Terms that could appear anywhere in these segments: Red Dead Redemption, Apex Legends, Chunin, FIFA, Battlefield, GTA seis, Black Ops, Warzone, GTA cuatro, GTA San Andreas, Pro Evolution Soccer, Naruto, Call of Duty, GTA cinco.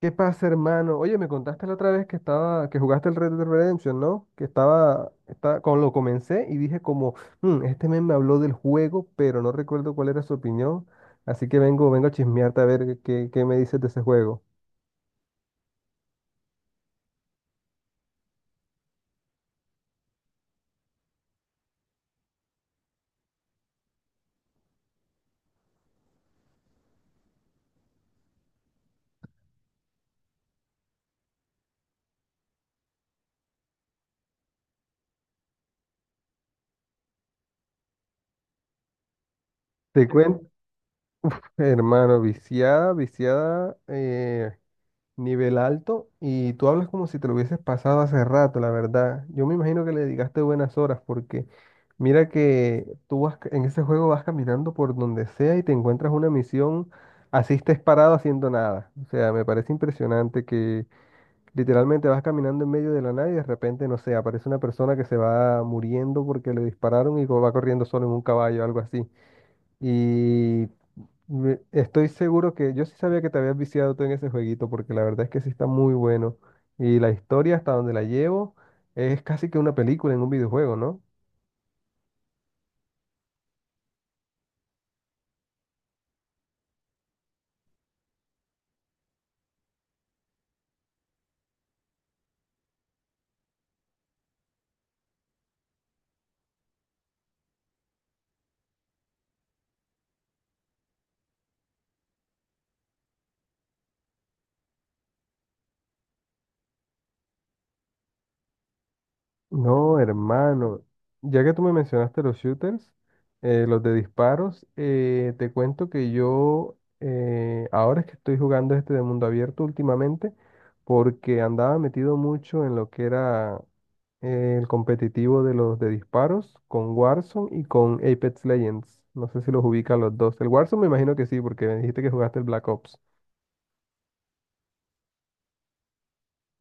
¿Qué pasa, hermano? Oye, me contaste la otra vez que jugaste el Red Dead Redemption, ¿no? Cuando lo comencé y dije como, "Mm, este men me habló del juego, pero no recuerdo cuál era su opinión, así que vengo a chismearte a ver qué me dices de ese juego". Te cuento, hermano, viciada, viciada, nivel alto, y tú hablas como si te lo hubieses pasado hace rato, la verdad. Yo me imagino que le dedicaste buenas horas porque mira que tú en ese juego vas caminando por donde sea y te encuentras una misión, así estés parado haciendo nada. O sea, me parece impresionante que literalmente vas caminando en medio de la nada y de repente, no sé, aparece una persona que se va muriendo porque le dispararon y va corriendo solo en un caballo, algo así. Y estoy seguro que yo sí sabía que te habías viciado tú en ese jueguito, porque la verdad es que sí está muy bueno. Y la historia hasta donde la llevo es casi que una película en un videojuego, ¿no? No, hermano. Ya que tú me mencionaste los shooters, los de disparos, te cuento que yo ahora es que estoy jugando este de mundo abierto últimamente, porque andaba metido mucho en lo que era el competitivo de los de disparos con Warzone y con Apex Legends. No sé si los ubica los dos. El Warzone me imagino que sí, porque me dijiste que jugaste el Black Ops.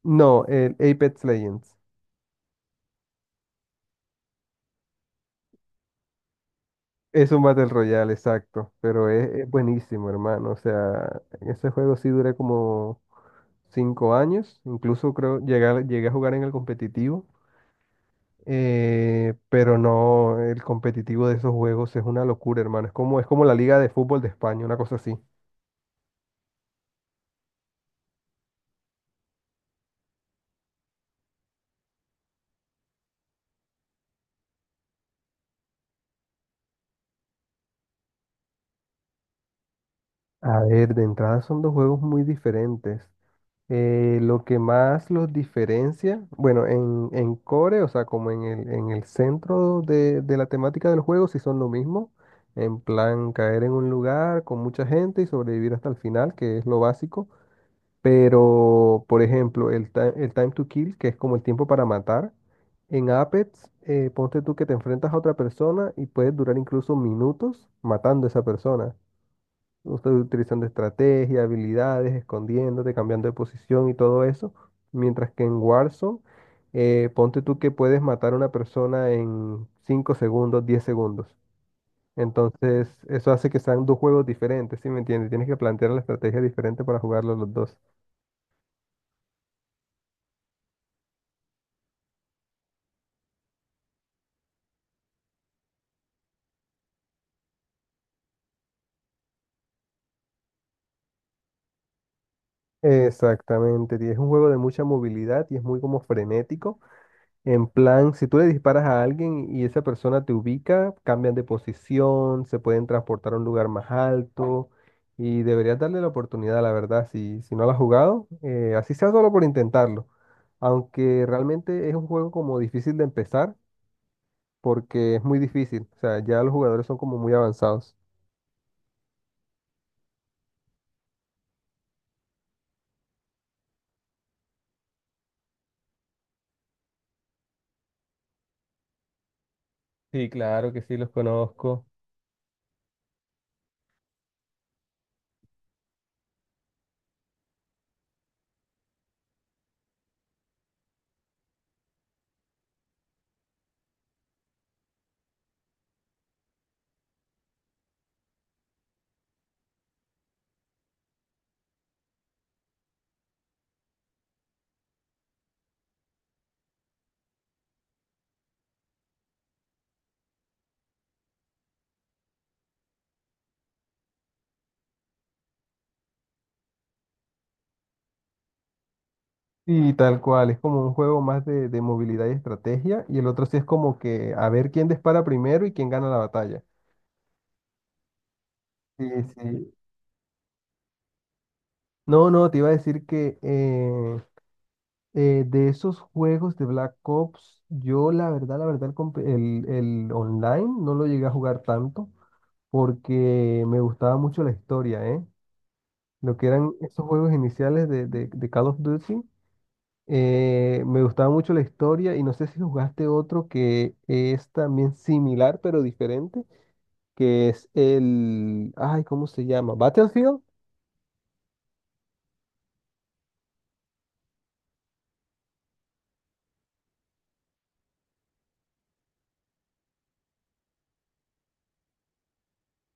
No, el Apex Legends. Es un Battle Royale, exacto, pero es buenísimo, hermano. O sea, en ese juego sí duré como 5 años, incluso creo llegué, llegué a jugar en el competitivo, pero no, el competitivo de esos juegos es una locura, hermano. Es como la Liga de Fútbol de España, una cosa así. A ver, de entrada son dos juegos muy diferentes. Lo que más los diferencia, bueno, en core, o sea, como en el centro de la temática del juego, sí son lo mismo. En plan, caer en un lugar con mucha gente y sobrevivir hasta el final, que es lo básico. Pero, por ejemplo, el time to kill, que es como el tiempo para matar, en Apex, ponte tú que te enfrentas a otra persona y puedes durar incluso minutos matando a esa persona usted utilizando estrategia, habilidades, escondiéndote, cambiando de posición y todo eso. Mientras que en Warzone, ponte tú que puedes matar a una persona en 5 segundos, 10 segundos. Entonces, eso hace que sean dos juegos diferentes, ¿sí me entiendes? Tienes que plantear la estrategia diferente para jugarlos los dos. Exactamente, y es un juego de mucha movilidad y es muy como frenético. En plan, si tú le disparas a alguien y esa persona te ubica, cambian de posición, se pueden transportar a un lugar más alto y deberías darle la oportunidad, la verdad, si no la has jugado, así sea solo por intentarlo. Aunque realmente es un juego como difícil de empezar porque es muy difícil, o sea, ya los jugadores son como muy avanzados. Sí, claro que sí, los conozco. Y tal cual, es como un juego más de movilidad y estrategia, y el otro sí es como que a ver quién dispara primero y quién gana la batalla. Sí, sí. No, no, te iba a decir que de esos juegos de Black Ops, yo la verdad, el online no lo llegué a jugar tanto porque me gustaba mucho la historia, ¿eh? Lo que eran esos juegos iniciales de Call of Duty, me gustaba mucho la historia y no sé si jugaste otro que es también similar pero diferente, que es el, ay, ¿cómo se llama? Battlefield.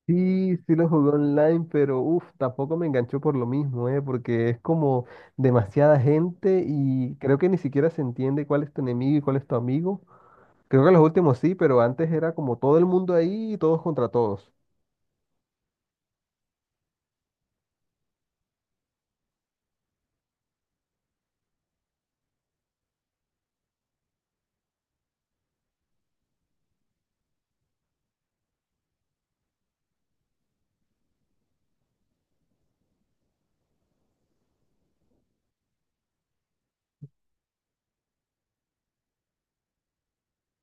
Sí, sí lo jugué online, pero uff, tampoco me enganchó por lo mismo, ¿eh? Porque es como demasiada gente y creo que ni siquiera se entiende cuál es tu enemigo y cuál es tu amigo. Creo que los últimos sí, pero antes era como todo el mundo ahí y todos contra todos.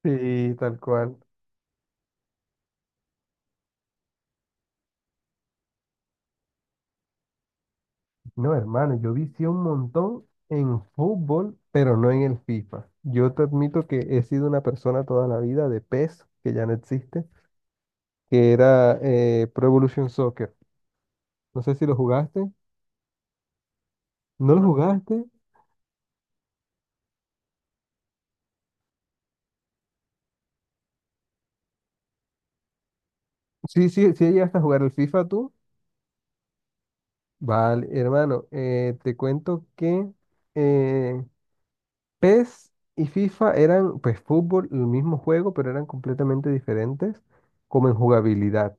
Sí, tal cual. No, hermano, yo vicié un montón en fútbol, pero no en el FIFA. Yo te admito que he sido una persona toda la vida de PES, que ya no existe, que era Pro Evolution Soccer. No sé si lo jugaste. ¿No lo jugaste? Sí, sí, sí llegaste a jugar el FIFA tú. Vale, hermano, te cuento que eh, PES y FIFA eran, pues fútbol, el mismo juego, pero eran completamente diferentes como en jugabilidad.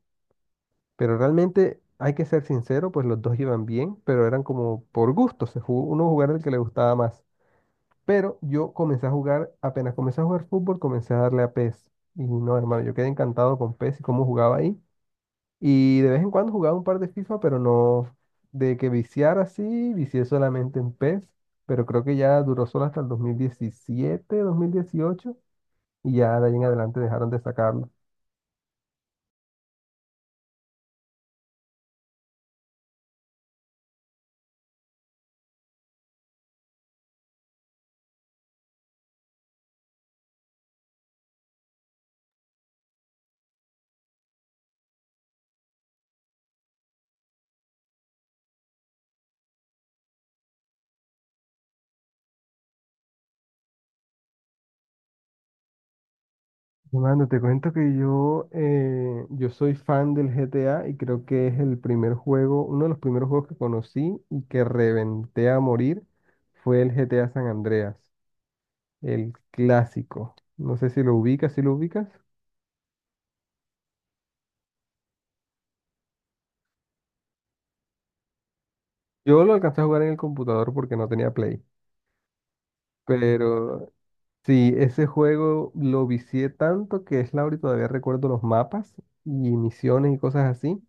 Pero realmente, hay que ser sincero, pues los dos iban bien, pero eran como por gusto, se jugó, uno jugaba el que le gustaba más. Pero yo comencé a jugar, apenas comencé a jugar fútbol, comencé a darle a PES. Y no, hermano, yo quedé encantado con PES y cómo jugaba ahí. Y de vez en cuando jugaba un par de FIFA, pero no de que viciar así, vicié solamente en PES, pero creo que ya duró solo hasta el 2017 2018 y ya de ahí en adelante dejaron de sacarlo. Mano, te cuento que yo, yo soy fan del GTA y creo que es el primer juego, uno de los primeros juegos que conocí y que reventé a morir fue el GTA San Andreas, el clásico. No sé si lo ubicas. Yo lo alcancé a jugar en el computador porque no tenía Play. Pero sí, ese juego lo vicié tanto que es Laura y todavía recuerdo los mapas y misiones y cosas así.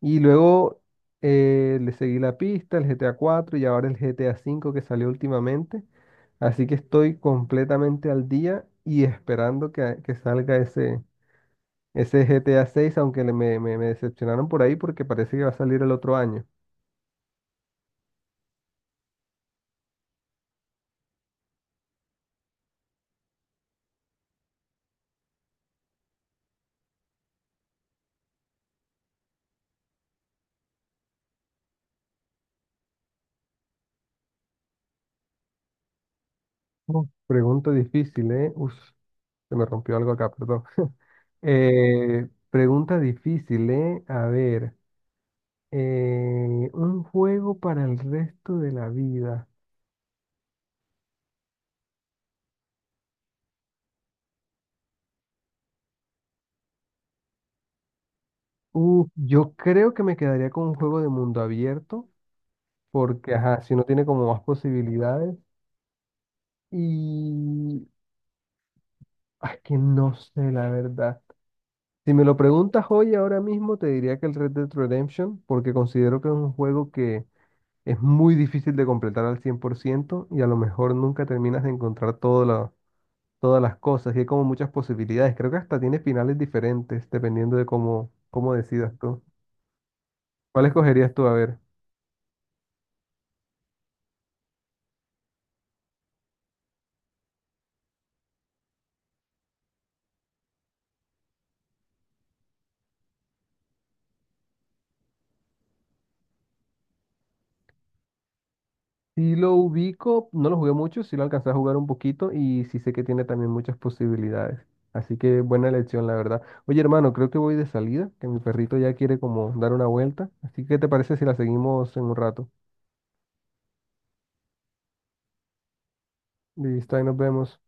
Y luego le seguí la pista, el GTA 4 y ahora el GTA 5 que salió últimamente. Así que estoy completamente al día y esperando que salga ese GTA 6 aunque me decepcionaron por ahí porque parece que va a salir el otro año. Uf, pregunta difícil, ¿eh? Uf, se me rompió algo acá, perdón. Pregunta difícil, ¿eh? A ver, un juego para el resto de la vida. Yo creo que me quedaría con un juego de mundo abierto, porque, ajá, si no tiene como más posibilidades. Y es que no sé, la verdad. Si me lo preguntas hoy, ahora mismo, te diría que el Red Dead Redemption, porque considero que es un juego que es muy difícil de completar al 100% y a lo mejor nunca terminas de encontrar todo lo todas las cosas y hay como muchas posibilidades. Creo que hasta tiene finales diferentes dependiendo de cómo decidas tú. ¿Cuál escogerías tú? A ver. Si lo ubico, no lo jugué mucho, sí lo alcancé a jugar un poquito y sí sé que tiene también muchas posibilidades. Así que buena elección, la verdad. Oye, hermano, creo que voy de salida, que mi perrito ya quiere como dar una vuelta. Así que, ¿qué te parece si la seguimos en un rato? Listo, ahí nos vemos.